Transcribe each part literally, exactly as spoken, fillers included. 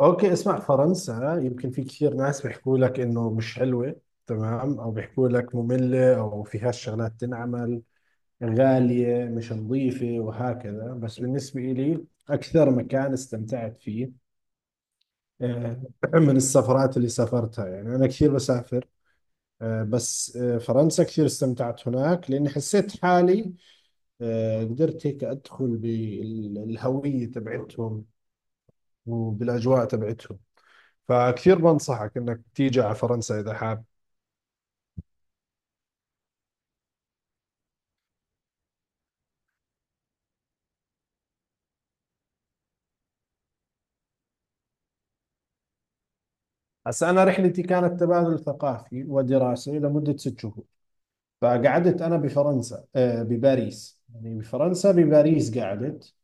اوكي، اسمع. فرنسا يمكن في كثير ناس بيحكوا لك انه مش حلوة. تمام، او بيحكوا لك مملة او فيهاش شغلات تنعمل، غالية، مش نظيفة وهكذا. بس بالنسبة لي اكثر مكان استمتعت فيه آه، من السفرات اللي سافرتها، يعني انا كثير بسافر. آه، بس آه، فرنسا كثير استمتعت هناك لاني حسيت حالي. آه، قدرت هيك ادخل بالهوية تبعتهم وبالاجواء تبعتهم. فكثير بنصحك انك تيجي على فرنسا اذا حاب. هسا أنا رحلتي كانت تبادل ثقافي ودراسي لمدة ست شهور. فقعدت أنا بفرنسا، آه، بباريس. يعني بفرنسا بباريس قعدت.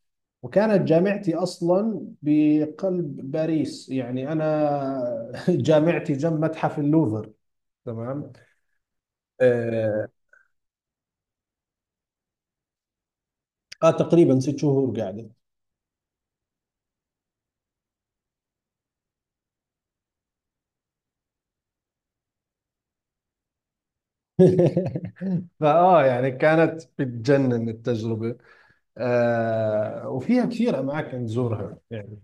وكانت جامعتي أصلا بقلب باريس، يعني أنا جامعتي جنب متحف اللوفر. تمام. آه. آه، تقريبا ست شهور قعدت. فاه يعني كانت بتجنن التجربة. آه وفيها كثير أماكن تزورها يعني.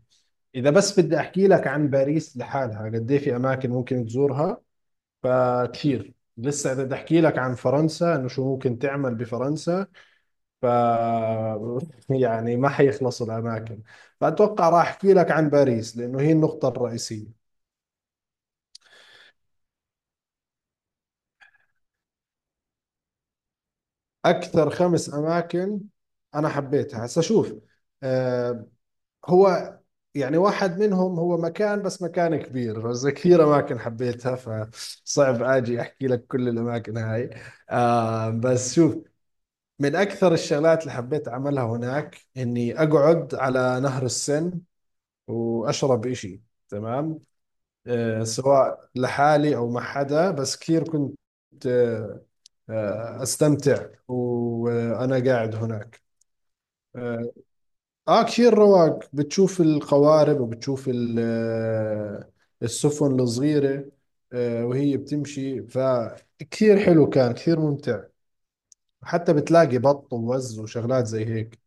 إذا بس بدي أحكي لك عن باريس لحالها قد إيه في أماكن ممكن تزورها. فكثير لسه، إذا بدي أحكي لك عن فرنسا إنه شو ممكن تعمل بفرنسا، ف يعني ما حيخلص الأماكن. فأتوقع راح أحكي لك عن باريس لأنه هي النقطة الرئيسية. أكثر خمس أماكن أنا حبيتها، هسا شوف. آه، هو، يعني واحد منهم هو مكان، بس مكان كبير. بس كثير اماكن حبيتها، فصعب اجي احكي لك كل الاماكن هاي. آه بس شوف. من اكثر الشغلات اللي حبيت اعملها هناك اني اقعد على نهر السن واشرب اشي. تمام. آه سواء لحالي او مع حدا، بس كثير كنت آه آه استمتع وانا قاعد هناك. آه، اه كثير رواق. بتشوف القوارب وبتشوف ال- آه، السفن الصغيرة آه، وهي بتمشي. فكثير حلو كان، كثير ممتع. حتى بتلاقي بط ووز وشغلات زي هيك.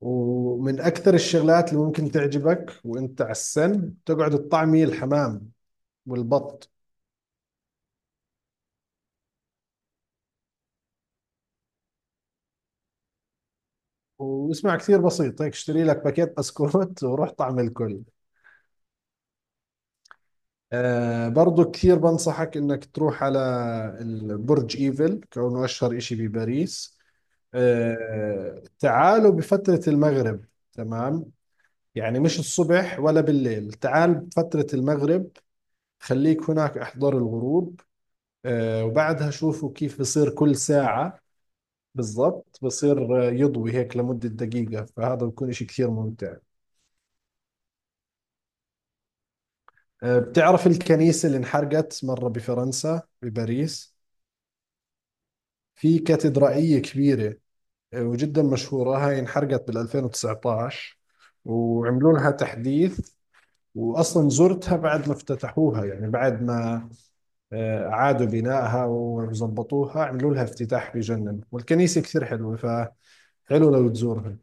ومن أكثر الشغلات اللي ممكن تعجبك وانت على السن تقعد تطعمي الحمام والبط. واسمع، كثير بسيط هيك، اشتري لك باكيت بسكوت وروح طعم الكل. آه برضو كثير بنصحك انك تروح على البرج ايفل كونه اشهر اشي بباريس. آه تعالوا بفترة المغرب. تمام. يعني مش الصبح ولا بالليل، تعال بفترة المغرب. خليك هناك احضر الغروب. آه وبعدها شوفوا كيف بصير كل ساعة بالضبط. بصير آه، يضوي هيك لمدة دقيقة، فهذا بكون اشي كثير ممتع. آه بتعرف الكنيسة اللي انحرقت مرة بفرنسا بباريس؟ في كاتدرائية كبيرة وجدا مشهورة. هاي انحرقت بال ألفين وتسعطعش وعملوا لها تحديث. واصلا زرتها بعد ما افتتحوها، يعني بعد ما آه، اعادوا بنائها وزبطوها، عملوا لها افتتاح بجنن، والكنيسة كثير حلوة. فحلو لو تزورها.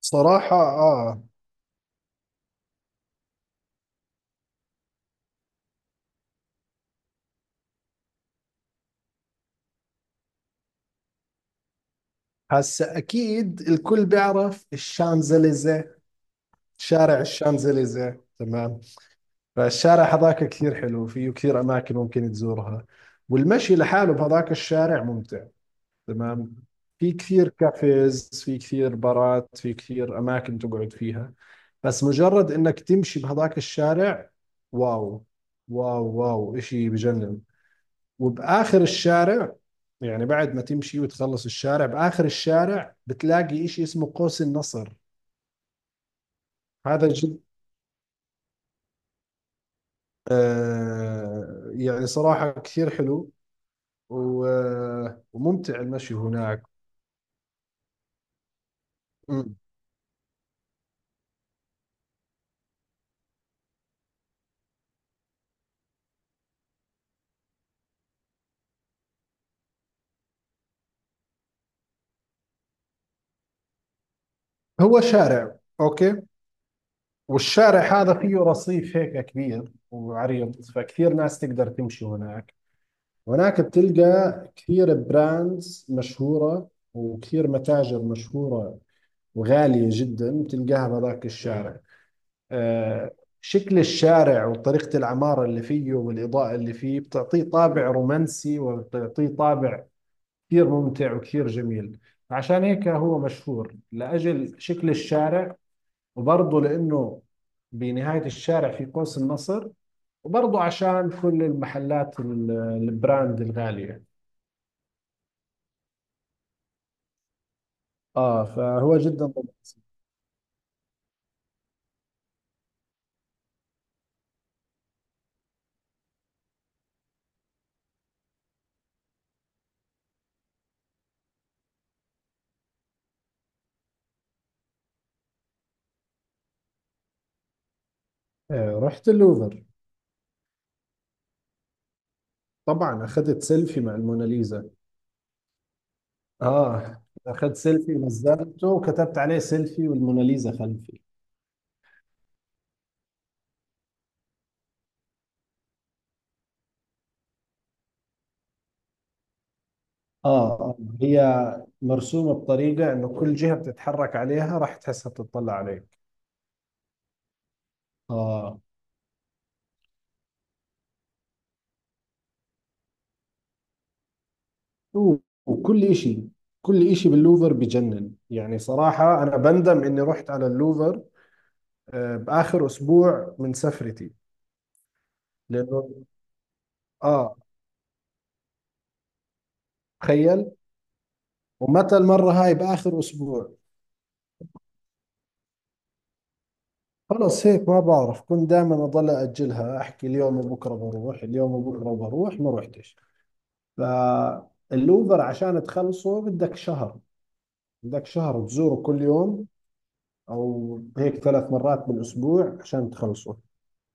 صراحة اه. هسا اكيد الكل بيعرف الشانزليزيه. شارع الشانزليزيه، تمام. فالشارع هذاك كثير حلو، فيه كثير اماكن ممكن تزورها. والمشي لحاله بهذاك الشارع ممتع. تمام. في كثير كافيز، في كثير بارات، في كثير أماكن تقعد فيها. بس مجرد إنك تمشي بهذاك الشارع، واو. واو واو، إشي بجنن. وبآخر الشارع، يعني بعد ما تمشي وتخلص الشارع، بآخر الشارع بتلاقي إشي اسمه قوس النصر. هذا جد. آه يعني صراحة كثير حلو و- وممتع المشي هناك. م. هو شارع، أوكي. والشارع هذا فيه رصيف هيك كبير وعريض، فكثير ناس تقدر تمشي هناك. هناك بتلقى كثير براندز مشهورة وكثير متاجر مشهورة وغالية جدا تلقاها بهذاك الشارع. آه، شكل الشارع وطريقة العمارة اللي فيه والإضاءة اللي فيه بتعطيه طابع رومانسي وبتعطيه طابع كثير ممتع وكثير جميل. عشان هيك هو مشهور لأجل شكل الشارع. وبرضه لأنه بنهاية الشارع في قوس النصر. وبرضه عشان كل المحلات ال- البراند الغالية. آه فهو جدا رومانسي. آه رحت اللوفر. طبعا أخذت سيلفي مع الموناليزا. آه أخذت سيلفي نزلته وكتبت عليه سيلفي والموناليزا خلفي. آه آه هي مرسومة بطريقة إنه كل جهة بتتحرك عليها راح تحسها بتطلع عليك. آه. وكل إشي كل إشي باللوفر بجنن، يعني صراحة أنا بندم إني رحت على اللوفر آه، بآخر أسبوع من سفرتي. لأنه آه تخيل. ومتى المرة هاي؟ بآخر أسبوع. خلص هيك ما بعرف، كنت دائما أضل أجلها، أحكي اليوم وبكرة بروح، اليوم وبكرة بروح، ما رحتش. فاللوفر عشان تخلصه بدك شهر. بدك شهر تزوره كل يوم، أو هيك ثلاث مرات بالأسبوع عشان تخلصه.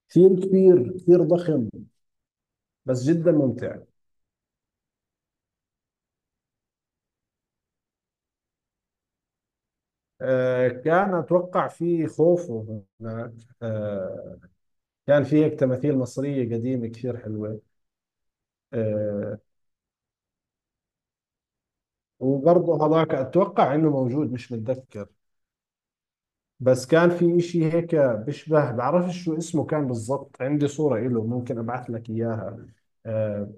كثير كبير، كثير ضخم. بس جدا ممتع. آه، كان أتوقع في خوف هناك. آه، كان في هيك تماثيل مصرية قديمة كثير حلوة. آه، وبرضه هذاك أتوقع إنه موجود، مش متذكر. بس كان في إشي هيك بيشبه، بعرفش شو اسمه كان بالضبط، عندي صورة إله ممكن أبعث لك إياها. آه،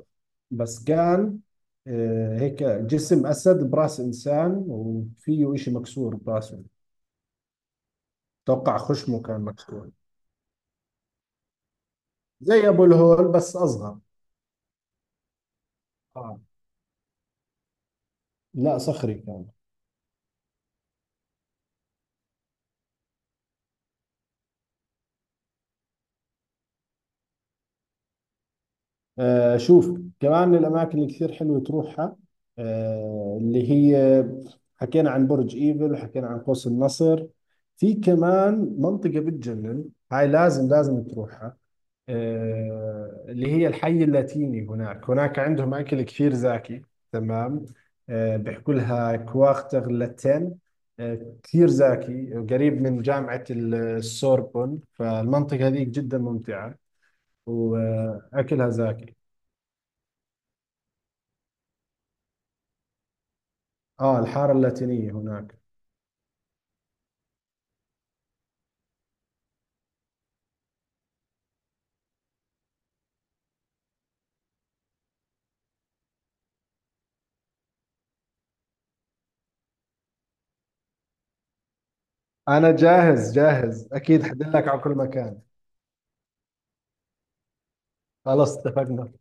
بس كان آه، هيك جسم أسد برأس إنسان، وفيه إشي مكسور برأسه. أتوقع خشمه كان مكسور. زي أبو الهول بس أصغر. آه. لا، صخري كان. آه شوف كمان من الأماكن اللي كثير حلوة تروحها، آه اللي هي، حكينا عن برج إيفل وحكينا عن قوس النصر، في كمان منطقة بتجنن، هاي لازم لازم تروحها. آه اللي هي الحي اللاتيني. هناك هناك عندهم أكل كثير زاكي. تمام. آه بيحكوا لها كواختر لاتين. آه كثير زاكي، قريب من جامعة السوربون، فالمنطقة هذيك جدا ممتعة. واكلها زاكي. اه الحاره اللاتينيه هناك. انا جاهز جاهز، اكيد حدلك على كل مكان. خلاص اتفقنا.